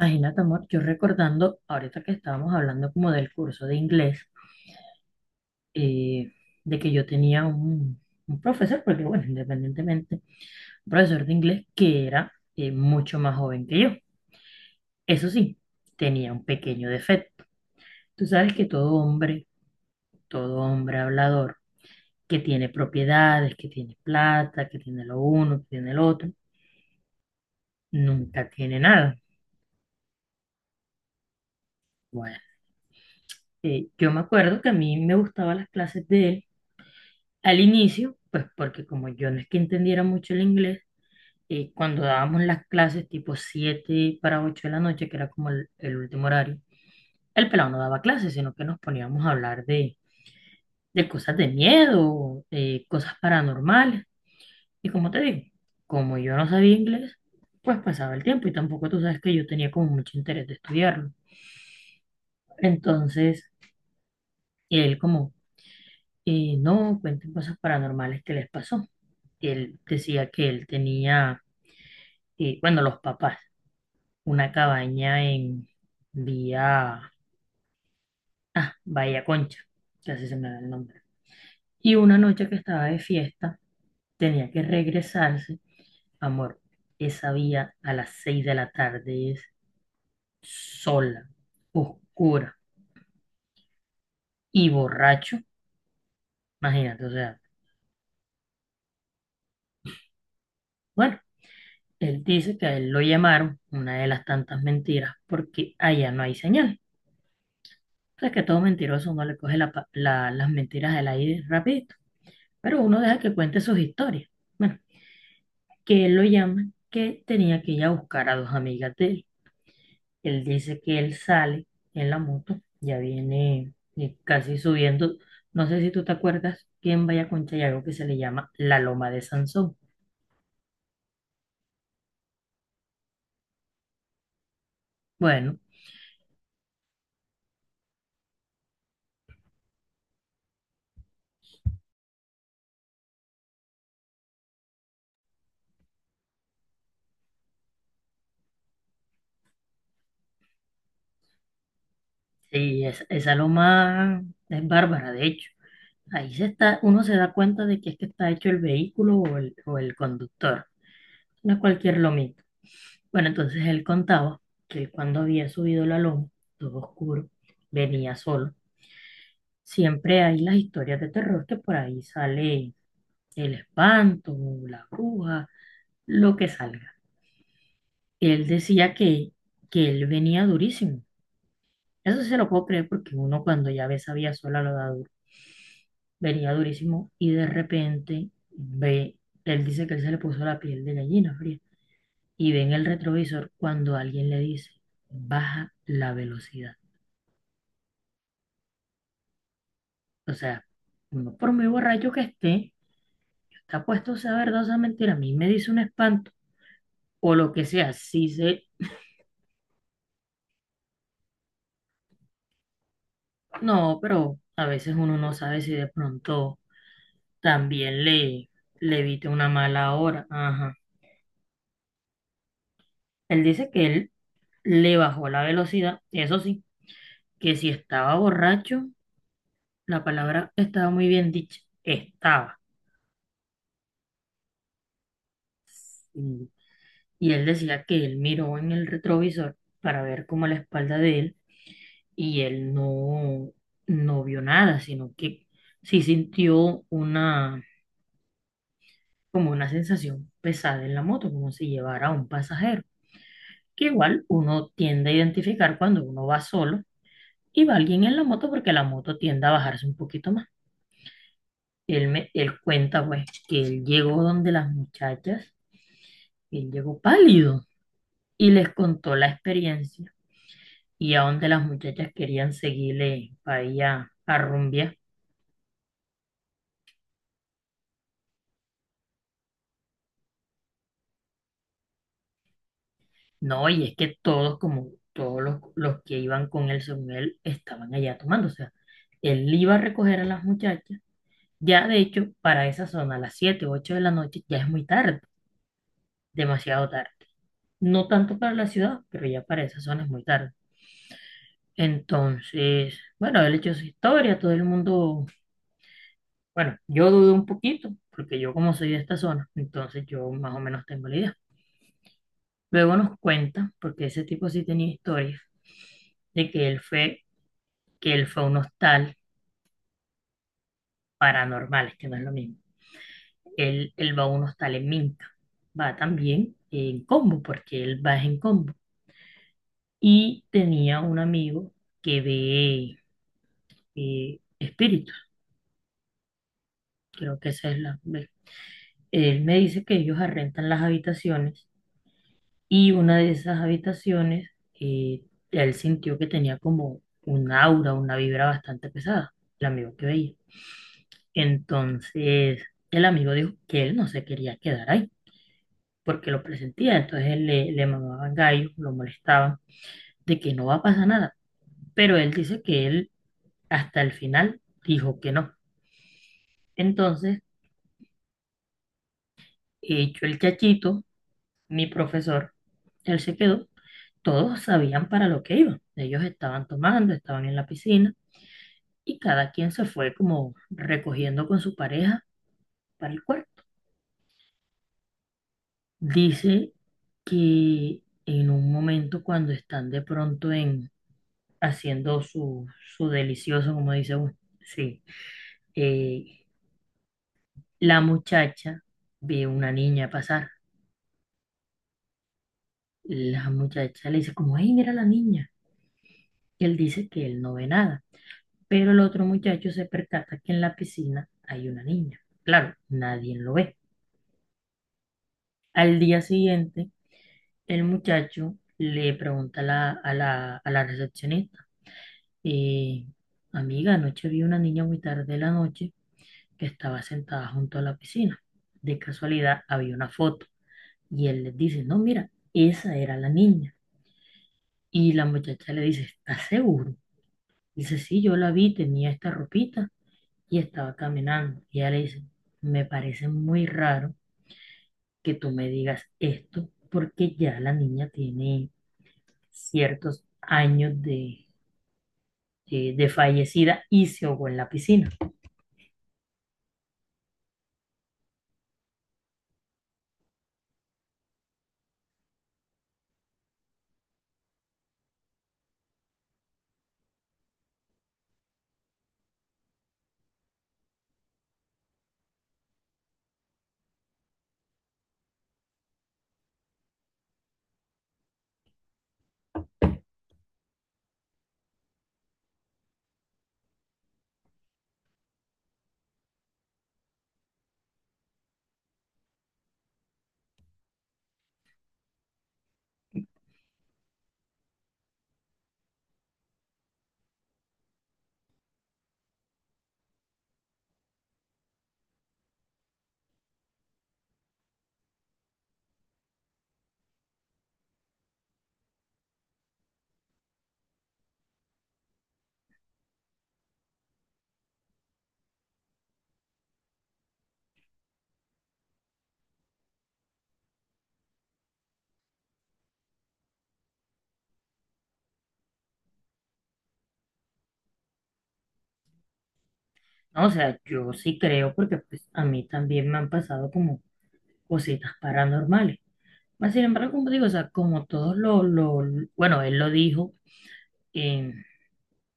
Imagínate, amor, yo recordando, ahorita que estábamos hablando como del curso de inglés, eh, de que yo tenía un profesor, porque bueno, independientemente, un profesor de inglés que era mucho más joven que yo. Eso sí, tenía un pequeño defecto. Tú sabes que todo hombre hablador, que tiene propiedades, que tiene plata, que tiene lo uno, que tiene lo otro, nunca tiene nada. Bueno, yo me acuerdo que a mí me gustaban las clases de él. Al inicio, pues porque como yo no es que entendiera mucho el inglés, cuando dábamos las clases tipo 7 para 8 de la noche, que era como el último horario, el pelado no daba clases, sino que nos poníamos a hablar de cosas de miedo, cosas paranormales. Y como te digo, como yo no sabía inglés, pues pasaba el tiempo y tampoco tú sabes que yo tenía como mucho interés de estudiarlo. Entonces, él como, no, cuenten cosas paranormales que les pasó. Él decía que él tenía, y bueno, los papás, una cabaña en vía, ah, Bahía Concha, casi se me da el nombre. Y una noche que estaba de fiesta, tenía que regresarse, amor, esa vía a las 6 de la tarde es sola, oscura, y borracho, imagínate, o sea, bueno, él dice que a él lo llamaron, una de las tantas mentiras, porque allá no hay señal. O sea, que todo mentiroso no le coge las mentiras del aire rápido, pero uno deja que cuente sus historias. Bueno, que él lo llama, que tenía que ir a buscar a dos amigas de él. Él dice que él sale en la moto, ya viene, casi subiendo. No sé si tú te acuerdas quién vaya con Chayago, que se le llama la Loma de Sansón. Bueno, sí, esa loma es bárbara, de hecho. Ahí se está, uno se da cuenta de que es que está hecho el vehículo o el conductor. No es cualquier lomita. Bueno, entonces él contaba que él, cuando había subido la loma, todo oscuro, venía solo. Siempre hay las historias de terror que por ahí sale el espanto, la bruja, lo que salga. Él decía que él venía durísimo. Eso sí se lo puedo creer porque uno cuando ya ve sabía vía sola lo da duro. Venía durísimo y de repente ve, él dice que él se le puso la piel de gallina fría y ve en el retrovisor cuando alguien le dice, baja la velocidad. O sea, uno por muy borracho que esté, está puesto, sea verdad o sea mentira, a mí me dice un espanto o lo que sea, sí sé. No, pero a veces uno no sabe si de pronto también le evite una mala hora. Ajá. Él dice que él le bajó la velocidad, eso sí, que si estaba borracho, la palabra estaba muy bien dicha, estaba. Y y él decía que él miró en el retrovisor para ver cómo la espalda de él, y él no vio nada, sino que sí sintió una, como una sensación pesada en la moto, como si llevara a un pasajero, que igual uno tiende a identificar cuando uno va solo y va alguien en la moto, porque la moto tiende a bajarse un poquito más. Él cuenta pues que él llegó donde las muchachas, él llegó pálido y les contó la experiencia, y a donde las muchachas querían seguirle para allá a rumbear. No, y es que todos, como todos los que iban con él, según él, estaban allá tomando. O sea, él iba a recoger a las muchachas. Ya, de hecho, para esa zona, a las 7 u 8 de la noche, ya es muy tarde, demasiado tarde. No tanto para la ciudad, pero ya para esa zona es muy tarde. Entonces, bueno, él echó su historia, todo el mundo, bueno, yo dudé un poquito, porque yo como soy de esta zona, entonces yo más o menos tengo la idea. Luego nos cuenta, porque ese tipo sí tenía historias de que él fue, a un hostal paranormal, es que no es lo mismo. Él va a un hostal en Minca, va también en combo, porque él va en combo. Y tenía un amigo que ve, espíritus, creo que esa es la... Él me dice que ellos arrendan las habitaciones, y una de esas habitaciones, eh, él sintió que tenía como un aura, una vibra bastante pesada, el amigo que veía. Entonces, el amigo dijo que él no se quería quedar ahí porque lo presentía, entonces él le mamaban gallo, lo molestaban, de que no va a pasar nada. Pero él dice que él, hasta el final, dijo que no. Entonces, hecho el chachito, mi profesor, él se quedó, todos sabían para lo que iban. Ellos estaban tomando, estaban en la piscina, y cada quien se fue como recogiendo con su pareja para el cuarto. Dice que en un momento, cuando están de pronto haciendo su delicioso, como dice uno. Sí. Eh, la muchacha ve una niña pasar. La muchacha le dice como, hey, mira la niña. Y él dice que él no ve nada. Pero el otro muchacho se percata que en la piscina hay una niña. Claro, nadie lo ve. Al día siguiente, el muchacho le pregunta a la recepcionista, eh, amiga, anoche vi una niña muy tarde de la noche que estaba sentada junto a la piscina. De casualidad había una foto y él les dice, no, mira, esa era la niña. Y la muchacha le dice, ¿estás seguro? Dice, sí, yo la vi, tenía esta ropita y estaba caminando. Y ella le dice, me parece muy raro que tú me digas esto, porque ya la niña tiene ciertos años de fallecida, y se ahogó en la piscina. No, o sea, yo sí creo, porque pues a mí también me han pasado como cositas paranormales. Mas, sin embargo, como digo, o sea, como todos bueno, él lo dijo en,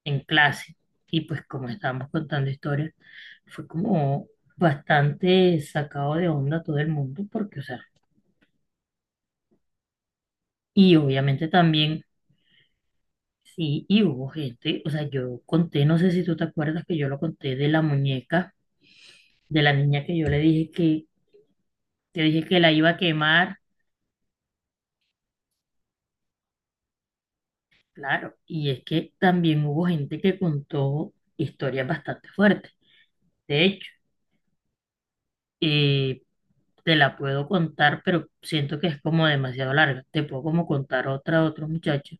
en clase, y pues como estábamos contando historias, fue como bastante sacado de onda todo el mundo porque, o sea, y obviamente también, sí, y hubo gente, o sea, yo conté, no sé si tú te acuerdas que yo lo conté de la muñeca, de la niña que dije que la iba a quemar, claro, y es que también hubo gente que contó historias bastante fuertes, de hecho. Eh, te la puedo contar, pero siento que es como demasiado larga. Te puedo como contar otra, otro muchacho,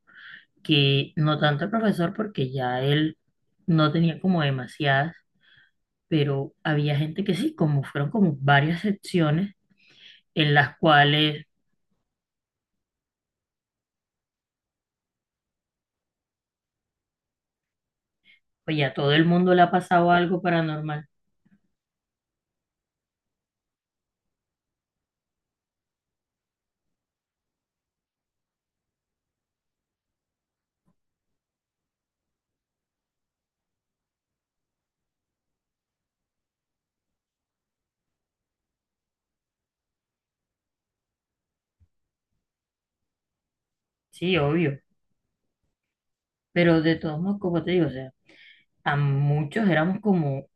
que no tanto el profesor, porque ya él no tenía como demasiadas, pero había gente que sí, como fueron como varias secciones en las cuales pues ya todo el mundo le ha pasado algo paranormal. Sí, obvio, pero de todos modos, como te digo, o sea, a muchos éramos como,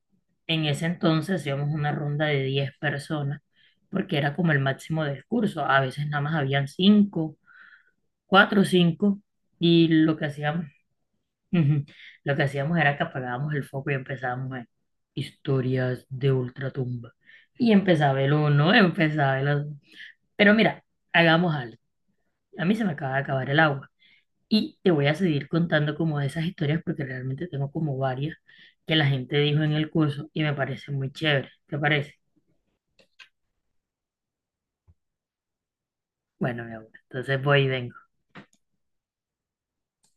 en ese entonces hacíamos una ronda de 10 personas, porque era como el máximo del curso. A veces nada más habían cinco, cuatro o cinco, y lo que hacíamos, ujú, lo que hacíamos era que apagábamos el foco y empezábamos a historias de ultratumba. Y empezaba el uno, empezaba el otro. Pero mira, hagamos algo. A mí se me acaba de acabar el agua. Y te voy a seguir contando como de esas historias, porque realmente tengo como varias que la gente dijo en el curso y me parece muy chévere. ¿Te parece? Bueno, mi amor, entonces voy y vengo.